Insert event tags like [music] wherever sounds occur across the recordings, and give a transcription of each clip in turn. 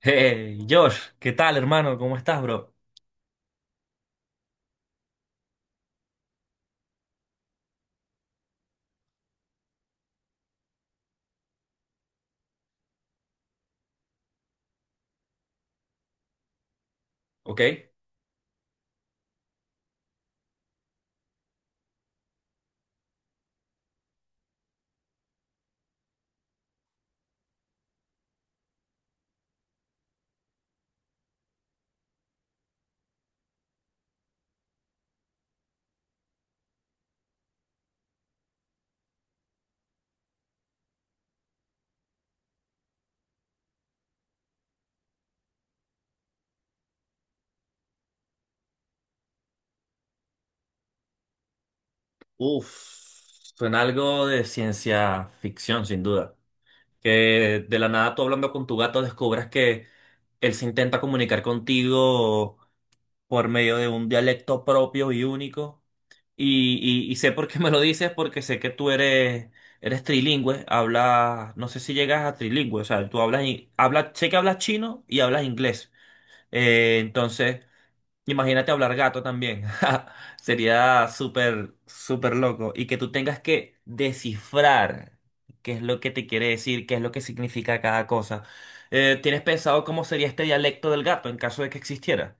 Hey, Josh, ¿qué tal, hermano? ¿Cómo estás, bro? ¿Ok? Uf, Suena algo de ciencia ficción, sin duda. Que de la nada tú hablando con tu gato descubras que él se intenta comunicar contigo por medio de un dialecto propio y único. Y sé por qué me lo dices, porque sé que tú eres, eres trilingüe, hablas, no sé si llegas a trilingüe, o sea, tú hablas, hablas, sé que hablas chino y hablas inglés. Entonces... Imagínate hablar gato también. [laughs] Sería súper, súper loco. Y que tú tengas que descifrar qué es lo que te quiere decir, qué es lo que significa cada cosa. ¿Tienes pensado cómo sería este dialecto del gato en caso de que existiera?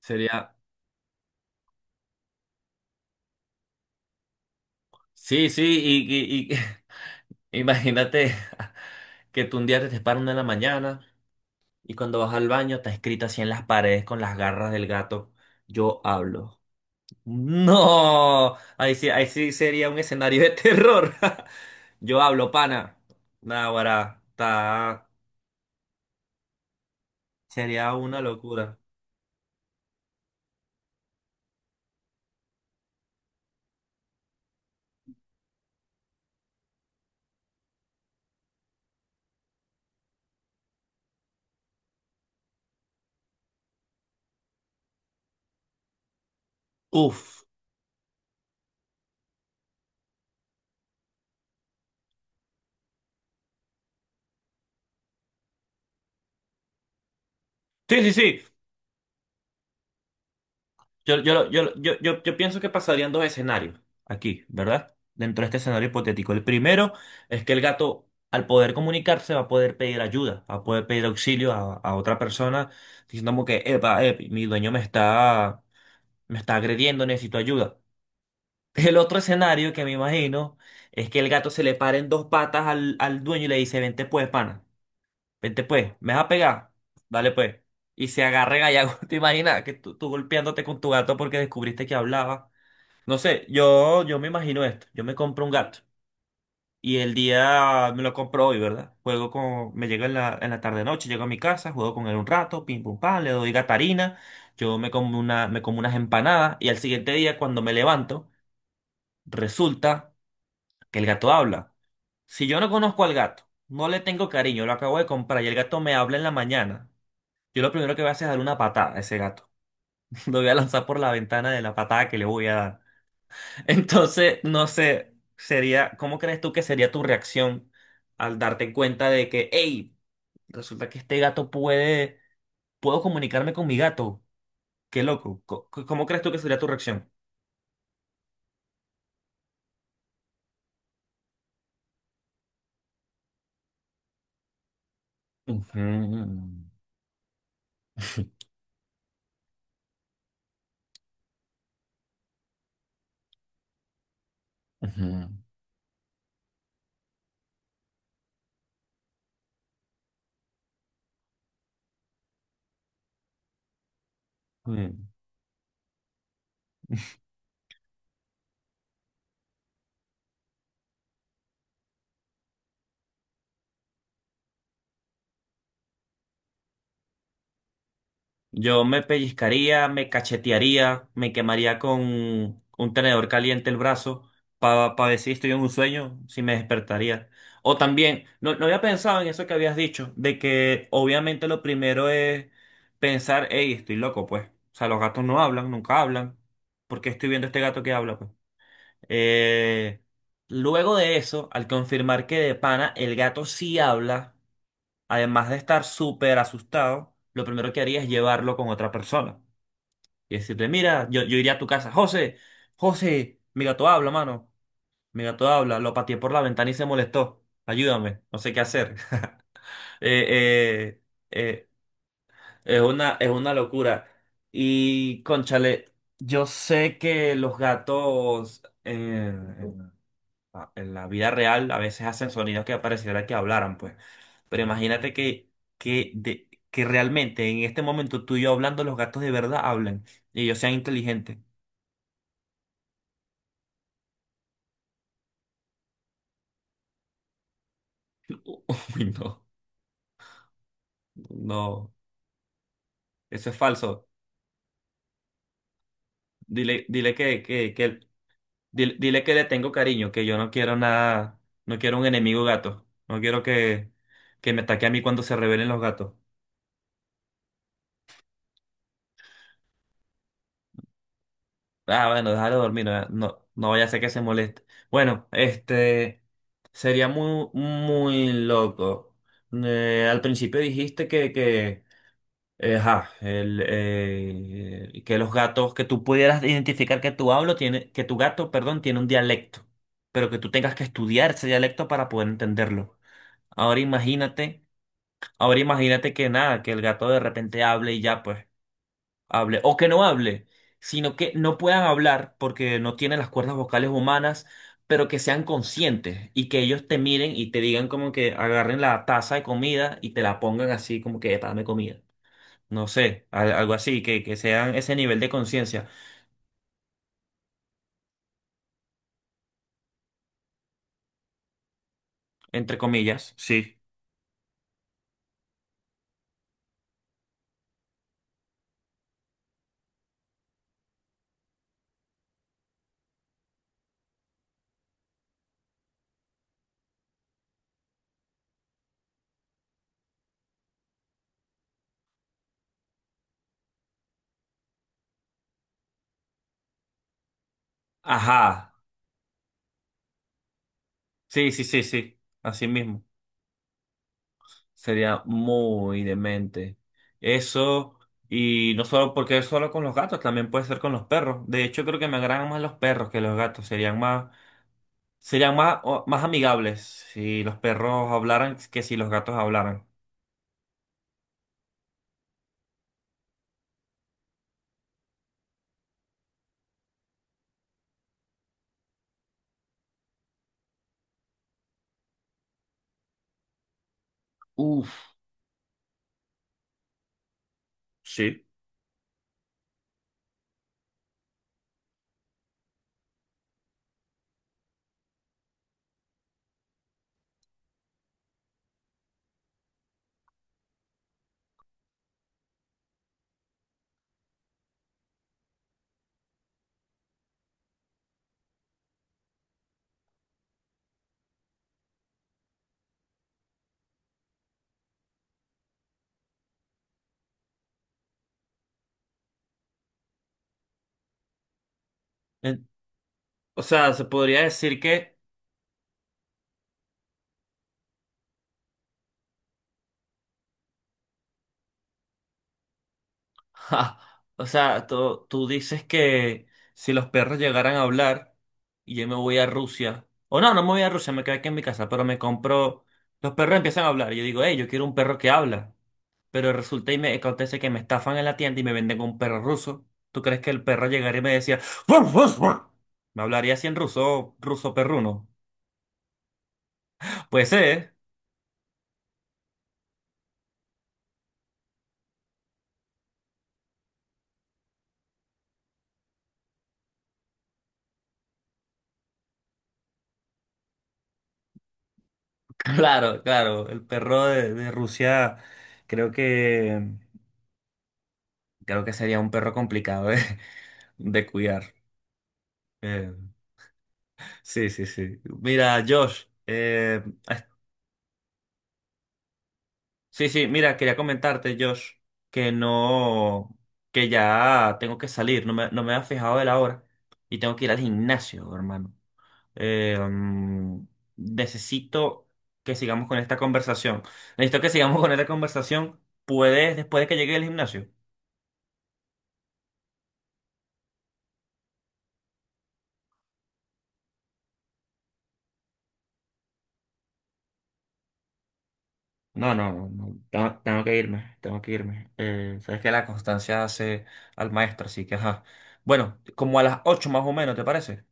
Sería, sí, sí, y- [laughs] Imagínate que tú un día te despiertas 1 de la mañana y cuando vas al baño está escrito así en las paredes con las garras del gato, yo hablo. No, ahí sí sería un escenario de terror. [laughs] Yo hablo, pana. Naguará, ta- Sería una locura. Uf. Sí, sí, sí. Yo pienso que pasarían 2 escenarios aquí, ¿verdad? Dentro de este escenario hipotético. El primero es que el gato, al poder comunicarse, va a poder pedir ayuda, va a poder pedir auxilio a otra persona, diciendo como que, epa, mi dueño me está agrediendo, necesito ayuda. El otro escenario que me imagino es que el gato se le pare en 2 patas al, al dueño y le dice, vente pues, pana, vente pues, ¿me vas a pegar? Dale pues. Y se agarra gallago. [laughs] ¿Te imaginas que tú golpeándote con tu gato porque descubriste que hablaba? No sé, yo me imagino esto. Yo me compro un gato y el día me lo compro hoy, ¿verdad? Juego con, me llega en en la tarde noche, llego a mi casa, juego con él un rato, pim pum pam, le doy gatarina, yo me como una, me como unas empanadas y al siguiente día cuando me levanto, resulta que el gato habla. Si yo no conozco al gato, no le tengo cariño, lo acabo de comprar y el gato me habla en la mañana, yo lo primero que voy a hacer es darle una patada a ese gato. [laughs] Lo voy a lanzar por la ventana de la patada que le voy a dar. [laughs] No sé, sería, ¿cómo crees tú que sería tu reacción al darte cuenta de que, hey, resulta que este gato puede, puedo comunicarme con mi gato? Qué loco. ¿Cómo crees tú que sería tu reacción? Ujú, [laughs] ujú, ujú. Yo me pellizcaría, me cachetearía, me quemaría con un tenedor caliente el brazo para ver si estoy en un sueño, si me despertaría. O también, no, no había pensado en eso que habías dicho, de que obviamente lo primero es pensar, hey, estoy loco, pues. O sea, los gatos no hablan, nunca hablan. ¿Por qué estoy viendo este gato que habla, pues? Eh, Luego de eso, al confirmar que de pana el gato sí habla además de estar súper asustado, lo primero que haría es llevarlo con otra persona y decirle, mira, yo iría a tu casa, José, José, mi gato habla, mano, mi gato habla, lo pateé por la ventana y se molestó, ayúdame, no sé qué hacer. [laughs] Eh, eh, eh, es una, es una locura. Y, cónchale, yo sé que los gatos... a- en la vida real a veces hacen sonidos que pareciera que hablaran, pues. Pero imagínate que realmente en este momento tú y yo hablando, los gatos de verdad hablan y ellos sean inteligentes. [laughs] Uy, no, no, eso es falso. Dile, dile, dile que le tengo cariño, que yo no quiero nada, no quiero un enemigo gato. No quiero que me ataque a mí cuando se rebelen los gatos. Ah, bueno, déjalo dormir, no, no, no vaya a ser que se moleste. Bueno, este sería muy, muy loco. Al principio dijiste que los gatos, que tú pudieras identificar que tu hablo tiene, que tu gato, perdón, tiene un dialecto, pero que tú tengas que estudiar ese dialecto para poder entenderlo. Ahora imagínate, ahora imagínate que nada, que el gato de repente hable y ya, pues hable o que no hable, sino que no puedan hablar porque no tienen las cuerdas vocales humanas, pero que sean conscientes y que ellos te miren y te digan como que agarren la taza de comida y te la pongan así como que "Epa, dame comida. No sé, algo así, que sean ese nivel de conciencia, entre comillas. Sí. Ajá. Sí, sí, sí, sí. Así mismo. Sería muy demente. Eso, y no solo porque es solo con los gatos, también puede ser con los perros. De hecho, creo que me agradan más los perros que los gatos. Serían más, más amigables si los perros hablaran que si los gatos hablaran. Uf, sí. En- O sea, se podría decir que ja, o sea, tú dices que si los perros llegaran a hablar y yo me voy a Rusia, o no, no me voy a Rusia, me quedo aquí en mi casa, pero me compro, los perros empiezan a hablar y yo digo, hey, yo quiero un perro que habla, pero resulta y me acontece que me estafan en la tienda y me venden un perro ruso. ¿Tú crees que el perro llegaría y me decía, "Ruff, ruff, ruff"? ¿Me hablaría así en ruso, ruso perruno? Pues ser, [laughs] ¿eh? Claro, claro, el perro de Rusia creo que, creo que sería un perro complicado, ¿eh? De cuidar. Eh, sí, sí, sí. Mira, Josh, sí, sí, mira, quería comentarte, Josh, que no, que ya tengo que salir, no me, no me había fijado de la hora y tengo que ir al gimnasio, hermano. Eh, mm, Necesito que sigamos con esta conversación. Necesito que sigamos [laughs] con esta conversación. ¿Puedes, después de que llegue al gimnasio? No, no, no, no, tengo, tengo que irme, tengo que irme. Sabes que la constancia hace al maestro, así que ajá. Bueno, como a las 8 más o menos, ¿te parece?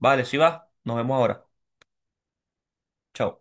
Vale, si va, nos vemos ahora. Chao.